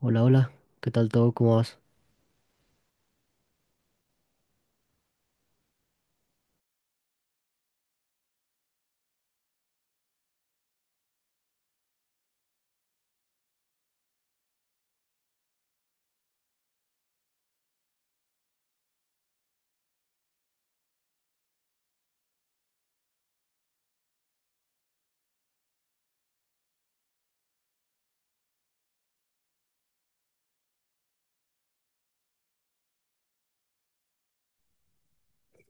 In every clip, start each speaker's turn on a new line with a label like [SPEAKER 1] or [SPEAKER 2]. [SPEAKER 1] Hola, hola, ¿qué tal todo? ¿Cómo vas?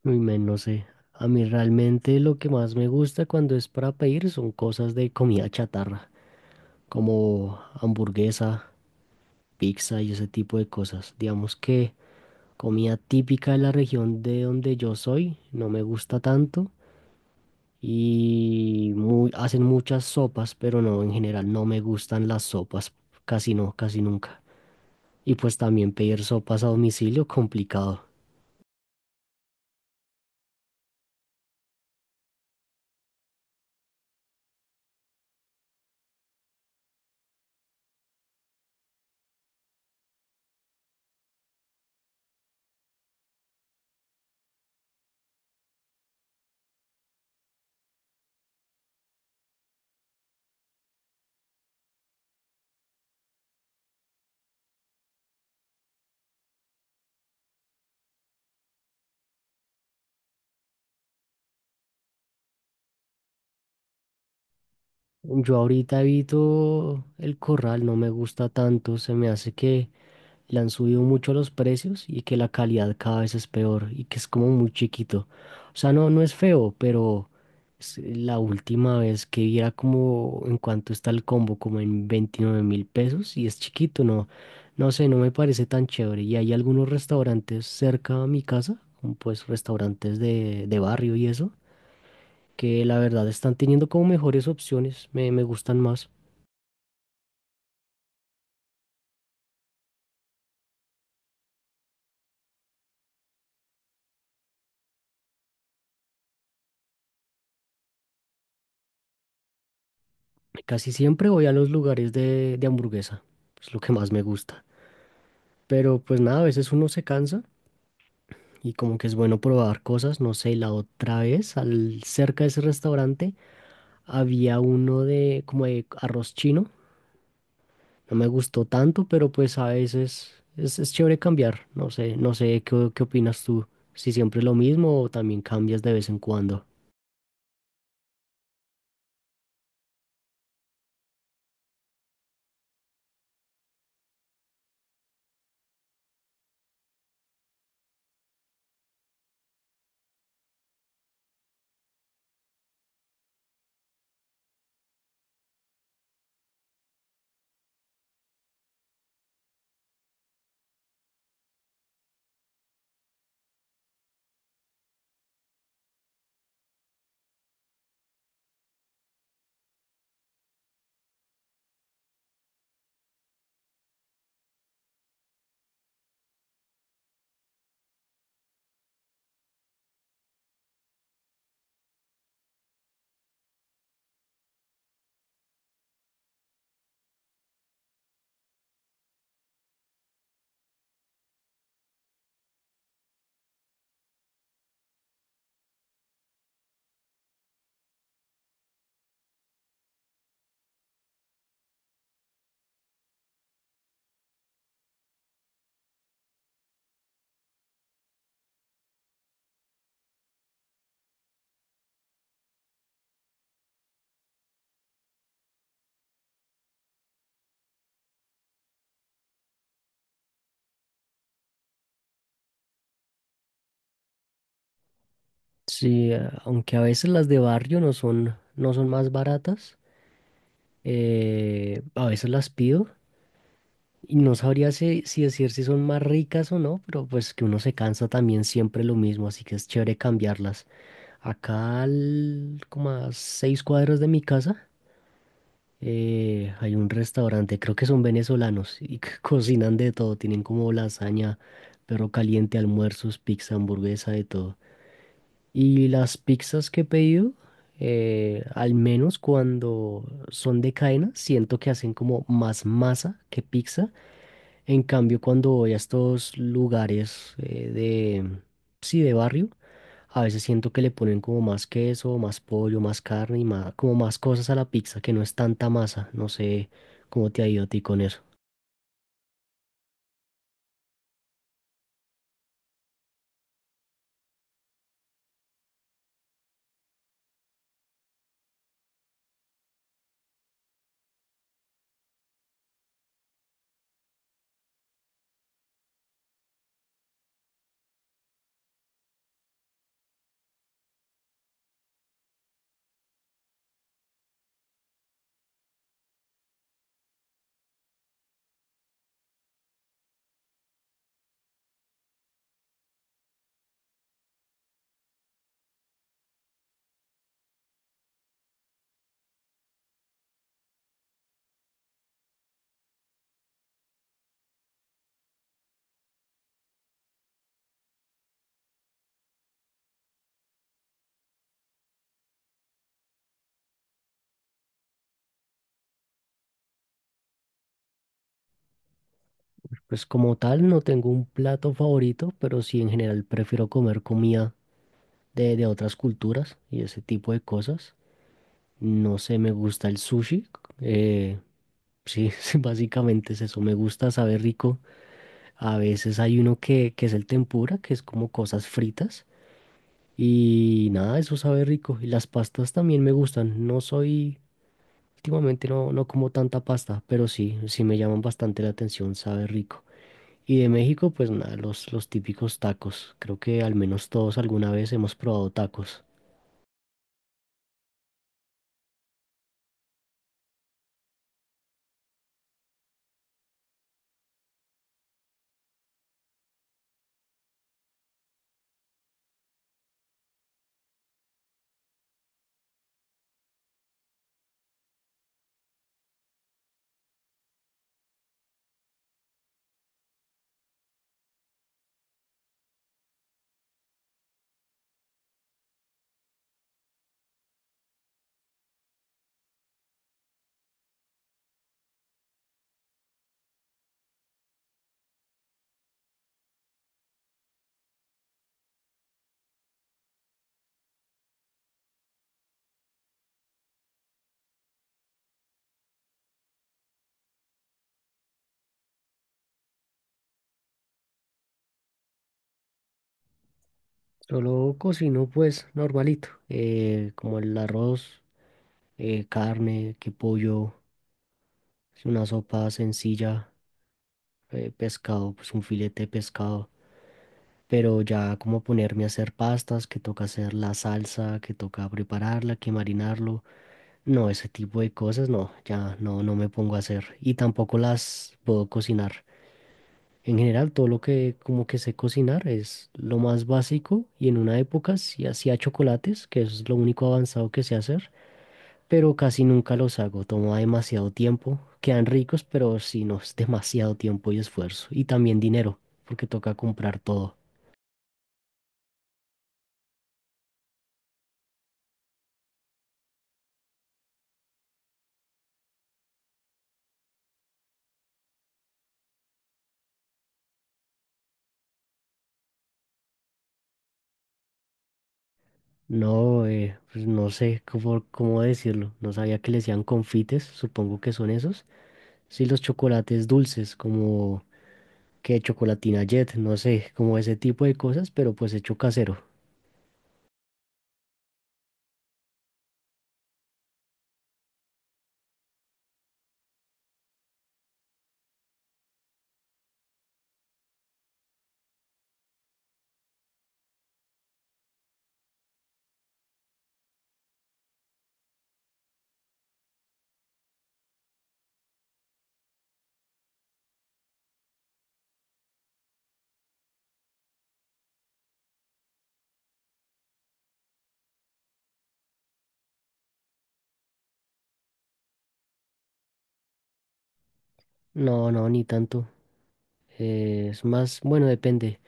[SPEAKER 1] Uy, men, no sé. A mí realmente lo que más me gusta cuando es para pedir son cosas de comida chatarra, como hamburguesa, pizza y ese tipo de cosas. Digamos que comida típica de la región de donde yo soy no me gusta tanto y hacen muchas sopas, pero no, en general no me gustan las sopas, casi no, casi nunca. Y pues también pedir sopas a domicilio, complicado. Yo ahorita evito el corral, no me gusta tanto, se me hace que le han subido mucho los precios y que la calidad cada vez es peor y que es como muy chiquito. O sea, no, no es feo, pero es la última vez que vi era como en cuanto está el combo, como en 29.000 pesos y es chiquito, no, no sé, no me parece tan chévere. Y hay algunos restaurantes cerca a mi casa, como pues restaurantes de barrio y eso que la verdad están teniendo como mejores opciones, me gustan más. Casi siempre voy a los lugares de hamburguesa, es lo que más me gusta. Pero pues nada, a veces uno se cansa y como que es bueno probar cosas, no sé, la otra vez, al, cerca de ese restaurante, había uno de como de arroz chino, no me gustó tanto, pero pues a veces es chévere cambiar, no sé, no sé, ¿ qué opinas tú? Si siempre es lo mismo o también cambias de vez en cuando. Sí, aunque a veces las de barrio no son, no son más baratas, a veces las pido. Y no sabría si decir si son más ricas o no, pero pues que uno se cansa también siempre lo mismo, así que es chévere cambiarlas. Acá, como a seis cuadras de mi casa, hay un restaurante, creo que son venezolanos y que cocinan de todo, tienen como lasaña, perro caliente, almuerzos, pizza, hamburguesa, de todo. Y las pizzas que he pedido, al menos cuando son de cadena, siento que hacen como más masa que pizza, en cambio, cuando voy a estos lugares sí, de barrio, a veces siento que le ponen como más queso, más pollo, más carne y más, como más cosas a la pizza, que no es tanta masa. No sé cómo te ha ido a ti con eso. Pues como tal, no tengo un plato favorito, pero sí en general prefiero comer comida de otras culturas y ese tipo de cosas. No sé, me gusta el sushi. Eh, sí, básicamente es eso. Me gusta, sabe rico. A veces hay uno que es el tempura, que es como cosas fritas. Y nada, eso sabe rico. Y las pastas también me gustan. No soy, últimamente no, no como tanta pasta, pero sí, sí me llaman bastante la atención, sabe rico. Y de México, pues nada, los típicos tacos. Creo que al menos todos alguna vez hemos probado tacos. Solo cocino pues normalito, como el arroz, carne, que pollo, una sopa sencilla, pescado, pues un filete de pescado. Pero ya como ponerme a hacer pastas, que toca hacer la salsa, que toca prepararla, que marinarlo, no, ese tipo de cosas no, ya no, no me pongo a hacer y tampoco las puedo cocinar. En general, todo lo que como que sé cocinar es lo más básico y en una época sí hacía chocolates, que eso es lo único avanzado que sé hacer, pero casi nunca los hago, toma demasiado tiempo, quedan ricos, pero sí, no, es demasiado tiempo y esfuerzo y también dinero, porque toca comprar todo. No, pues no sé cómo, cómo decirlo. No sabía que le decían confites, supongo que son esos. Sí, los chocolates dulces, como que chocolatina Jet, no sé, como ese tipo de cosas, pero pues hecho casero. No, no, ni tanto. Es más, bueno, depende.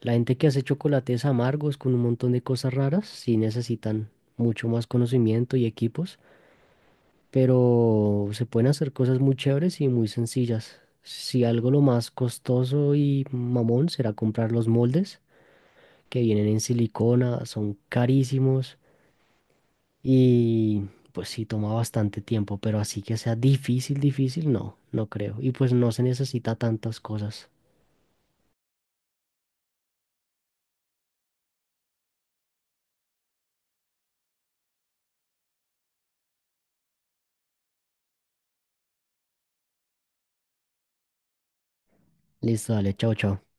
[SPEAKER 1] La gente que hace chocolates amargos con un montón de cosas raras, sí necesitan mucho más conocimiento y equipos. Pero se pueden hacer cosas muy chéveres y muy sencillas. Si algo lo más costoso y mamón será comprar los moldes que vienen en silicona, son carísimos y pues sí toma bastante tiempo, pero así que sea difícil, difícil, no, no creo. Y pues no se necesita tantas cosas. Listo, dale, chao, chao.